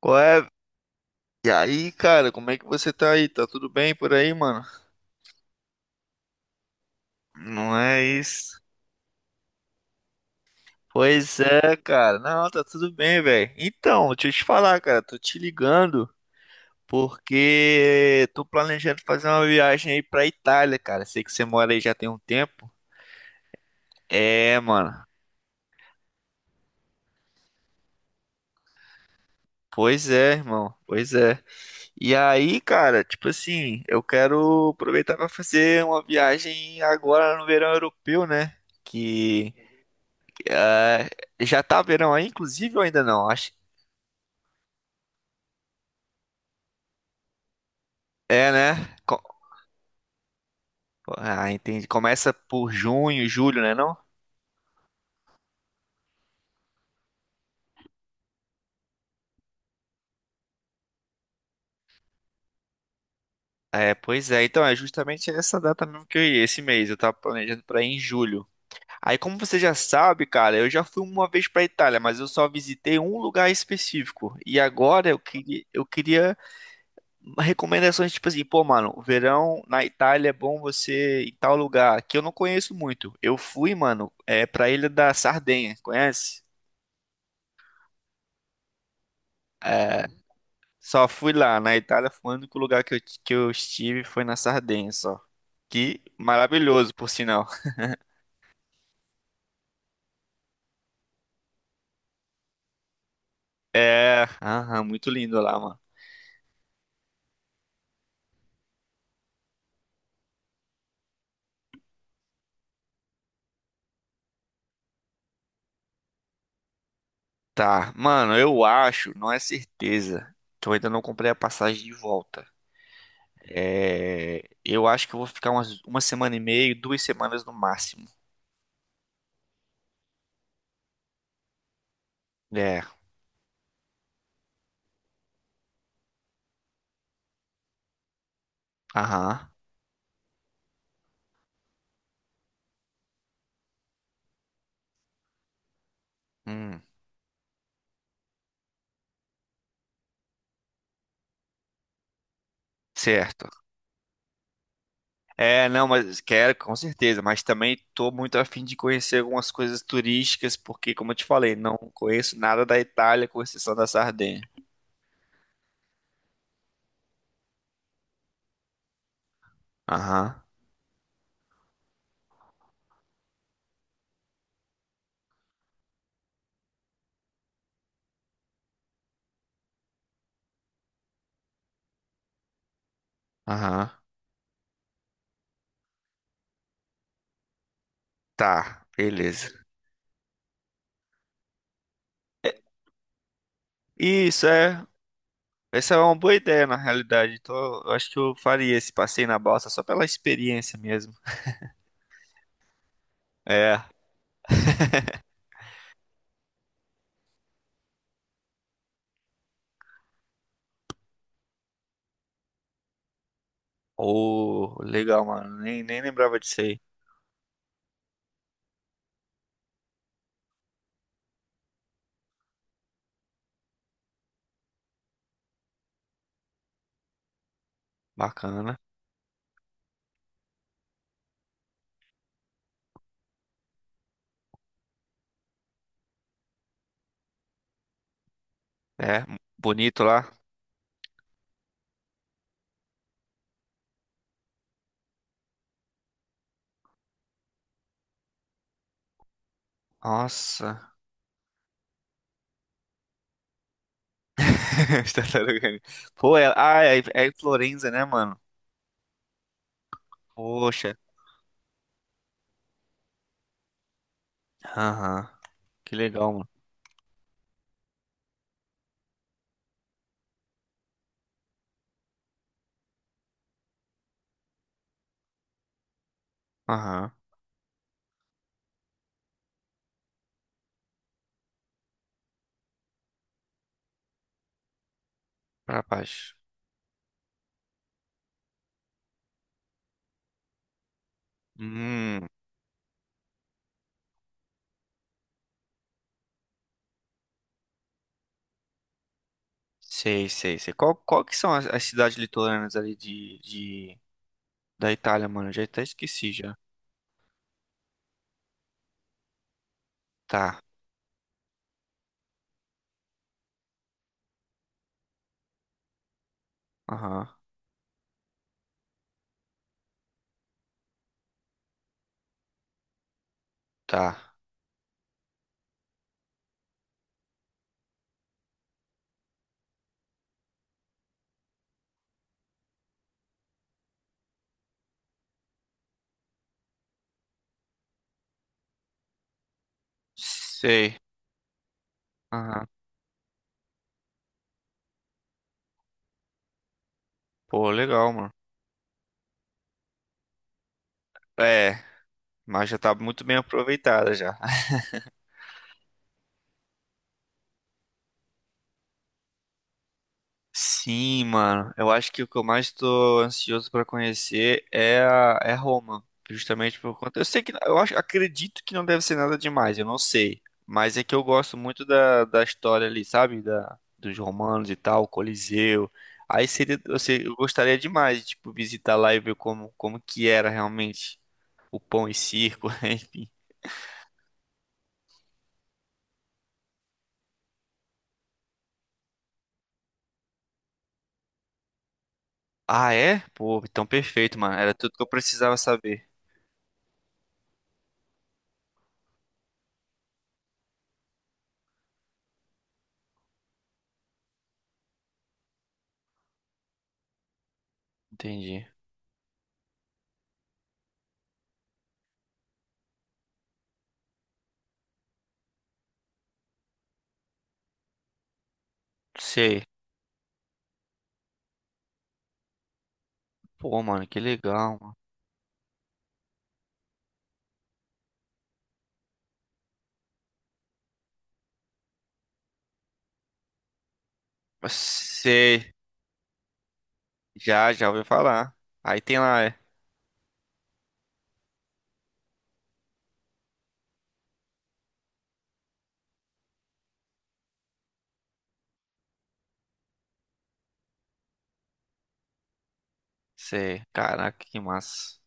Qual é? E aí, cara, como é que você tá aí? Tá tudo bem por aí, mano? Não é isso? Pois é, cara. Não, tá tudo bem, velho. Então, deixa eu te falar, cara. Tô te ligando porque tô planejando fazer uma viagem aí pra Itália, cara. Sei que você mora aí já tem um tempo. É, mano. Pois é, irmão. Pois é. E aí, cara, tipo assim, eu quero aproveitar pra fazer uma viagem agora no verão europeu, né? Que É, Já tá verão aí, inclusive, ou ainda não? Acho, é, né? Co- Ah, entendi. Começa por junho, julho, né, não? É, pois é. Então, é justamente essa data mesmo que eu ia, esse mês. Eu tava planejando pra ir em julho. Aí, como você já sabe, cara, eu já fui uma vez pra Itália, mas eu só visitei um lugar específico. E agora eu queria recomendações, tipo assim, pô, mano, o verão na Itália é bom você ir em tal lugar, que eu não conheço muito. Eu fui, mano, é pra Ilha da Sardenha, conhece? É, só fui lá. Na Itália foi o único lugar que eu estive foi na Sardenha, só. Que maravilhoso, por sinal. É, aham, muito lindo lá, mano. Tá, mano, eu acho, não é certeza, que eu ainda não comprei a passagem de volta. É, eu acho que eu vou ficar uma semana e meia, duas semanas no máximo. É, aham, hum, certo. É, não, mas quero, com certeza, mas também tô muito afim de conhecer algumas coisas turísticas, porque, como eu te falei, não conheço nada da Itália, com exceção da Sardenha. Aham, aham. Tá, beleza. É, Isso é, essa é uma boa ideia, na realidade. Então, eu acho que eu faria esse passeio na balsa só pela experiência mesmo. É. Oh, legal, mano. Nem lembrava disso aí. Bacana. É, bonito lá. Nossa. As tartarugas ninja. Pô, é, ah, é, É em Florença, né, mano? Poxa. Aham. Que legal, mano. Aham. Pra baixo. Hum. Sei, sei, sei. Qual que são as cidades litorâneas ali da Itália, mano? Eu já até esqueci já. Tá. Aham. Tá. Sei. Aham. Pô, legal, mano. É, mas já tá muito bem aproveitada já. Sim, mano. Eu acho que o que eu mais tô ansioso pra conhecer é Roma, justamente por conta. Eu sei que acredito que não deve ser nada demais, eu não sei, mas é que eu gosto muito da história ali, sabe? Da dos romanos e tal, Coliseu. Aí seria, eu sei, eu gostaria demais, tipo, visitar lá e ver como que era realmente o pão e circo, enfim. Ah, é? Pô, então perfeito, mano. Era tudo que eu precisava saber. Entendi. Sei. Pô, mano, que legal. Você já ouviu falar. Aí tem lá, é. Sei. Caraca, que massa.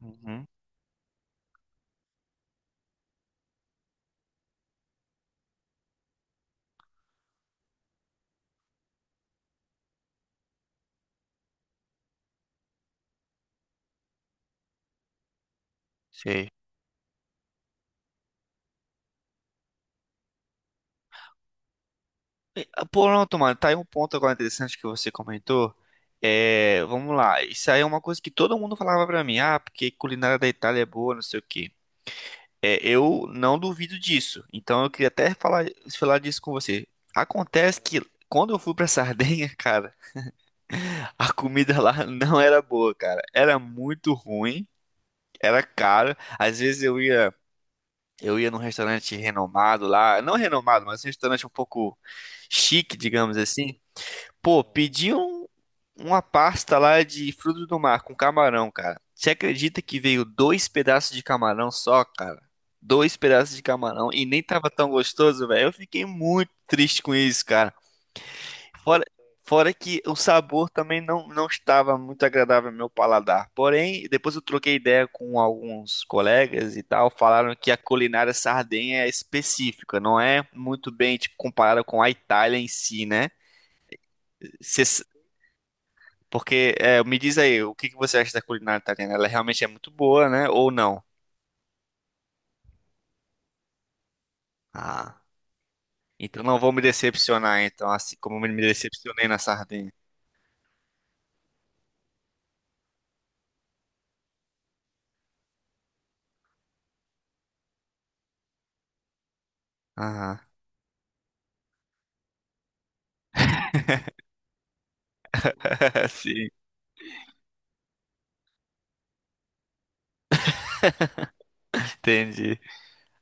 Uhum. Sei. Pronto, mano. Tá aí um ponto agora interessante que você comentou. É, vamos lá. Isso aí é uma coisa que todo mundo falava pra mim. Ah, porque culinária da Itália é boa, não sei o quê. É, eu não duvido disso. Então eu queria falar disso com você. Acontece que quando eu fui pra Sardenha, cara, a comida lá não era boa, cara. Era muito ruim, era caro. Às vezes eu ia. Eu ia num restaurante renomado lá, não renomado, mas um restaurante um pouco chique, digamos assim. Pô, pedi um- uma pasta lá de frutos do mar com camarão, cara. Você acredita que veio dois pedaços de camarão só, cara? Dois pedaços de camarão e nem tava tão gostoso, velho. Eu fiquei muito triste com isso, cara. Fora, fora que o sabor também não estava muito agradável ao meu paladar. Porém, depois eu troquei ideia com alguns colegas e tal, falaram que a culinária sardenha é específica, não é muito bem tipo, comparada com a Itália em si, né? Cês- Porque é, me diz aí, o que que você acha da culinária italiana? Ela realmente é muito boa, né? Ou não? Ah, então não vou me decepcionar, então, assim como me decepcionei na sardinha. Aham. Sim, entendi.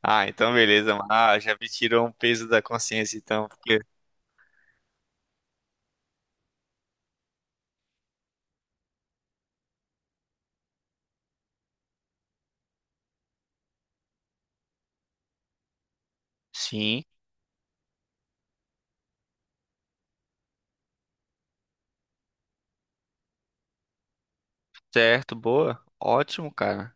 Ah, então beleza, mano. Ah, já me tirou um peso da consciência, então, porque. Sim, certo, boa. Ótimo, cara.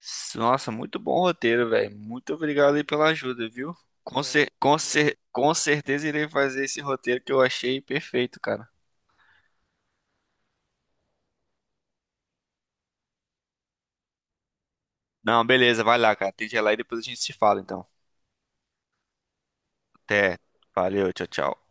Nossa, muito bom roteiro, velho. Muito obrigado aí pela ajuda, viu? Com É, cer com certeza irei fazer esse roteiro que eu achei perfeito, cara. Não, beleza, vai lá, cara. Tem que ir lá e depois a gente se fala, então. Até. Valeu, tchau, tchau.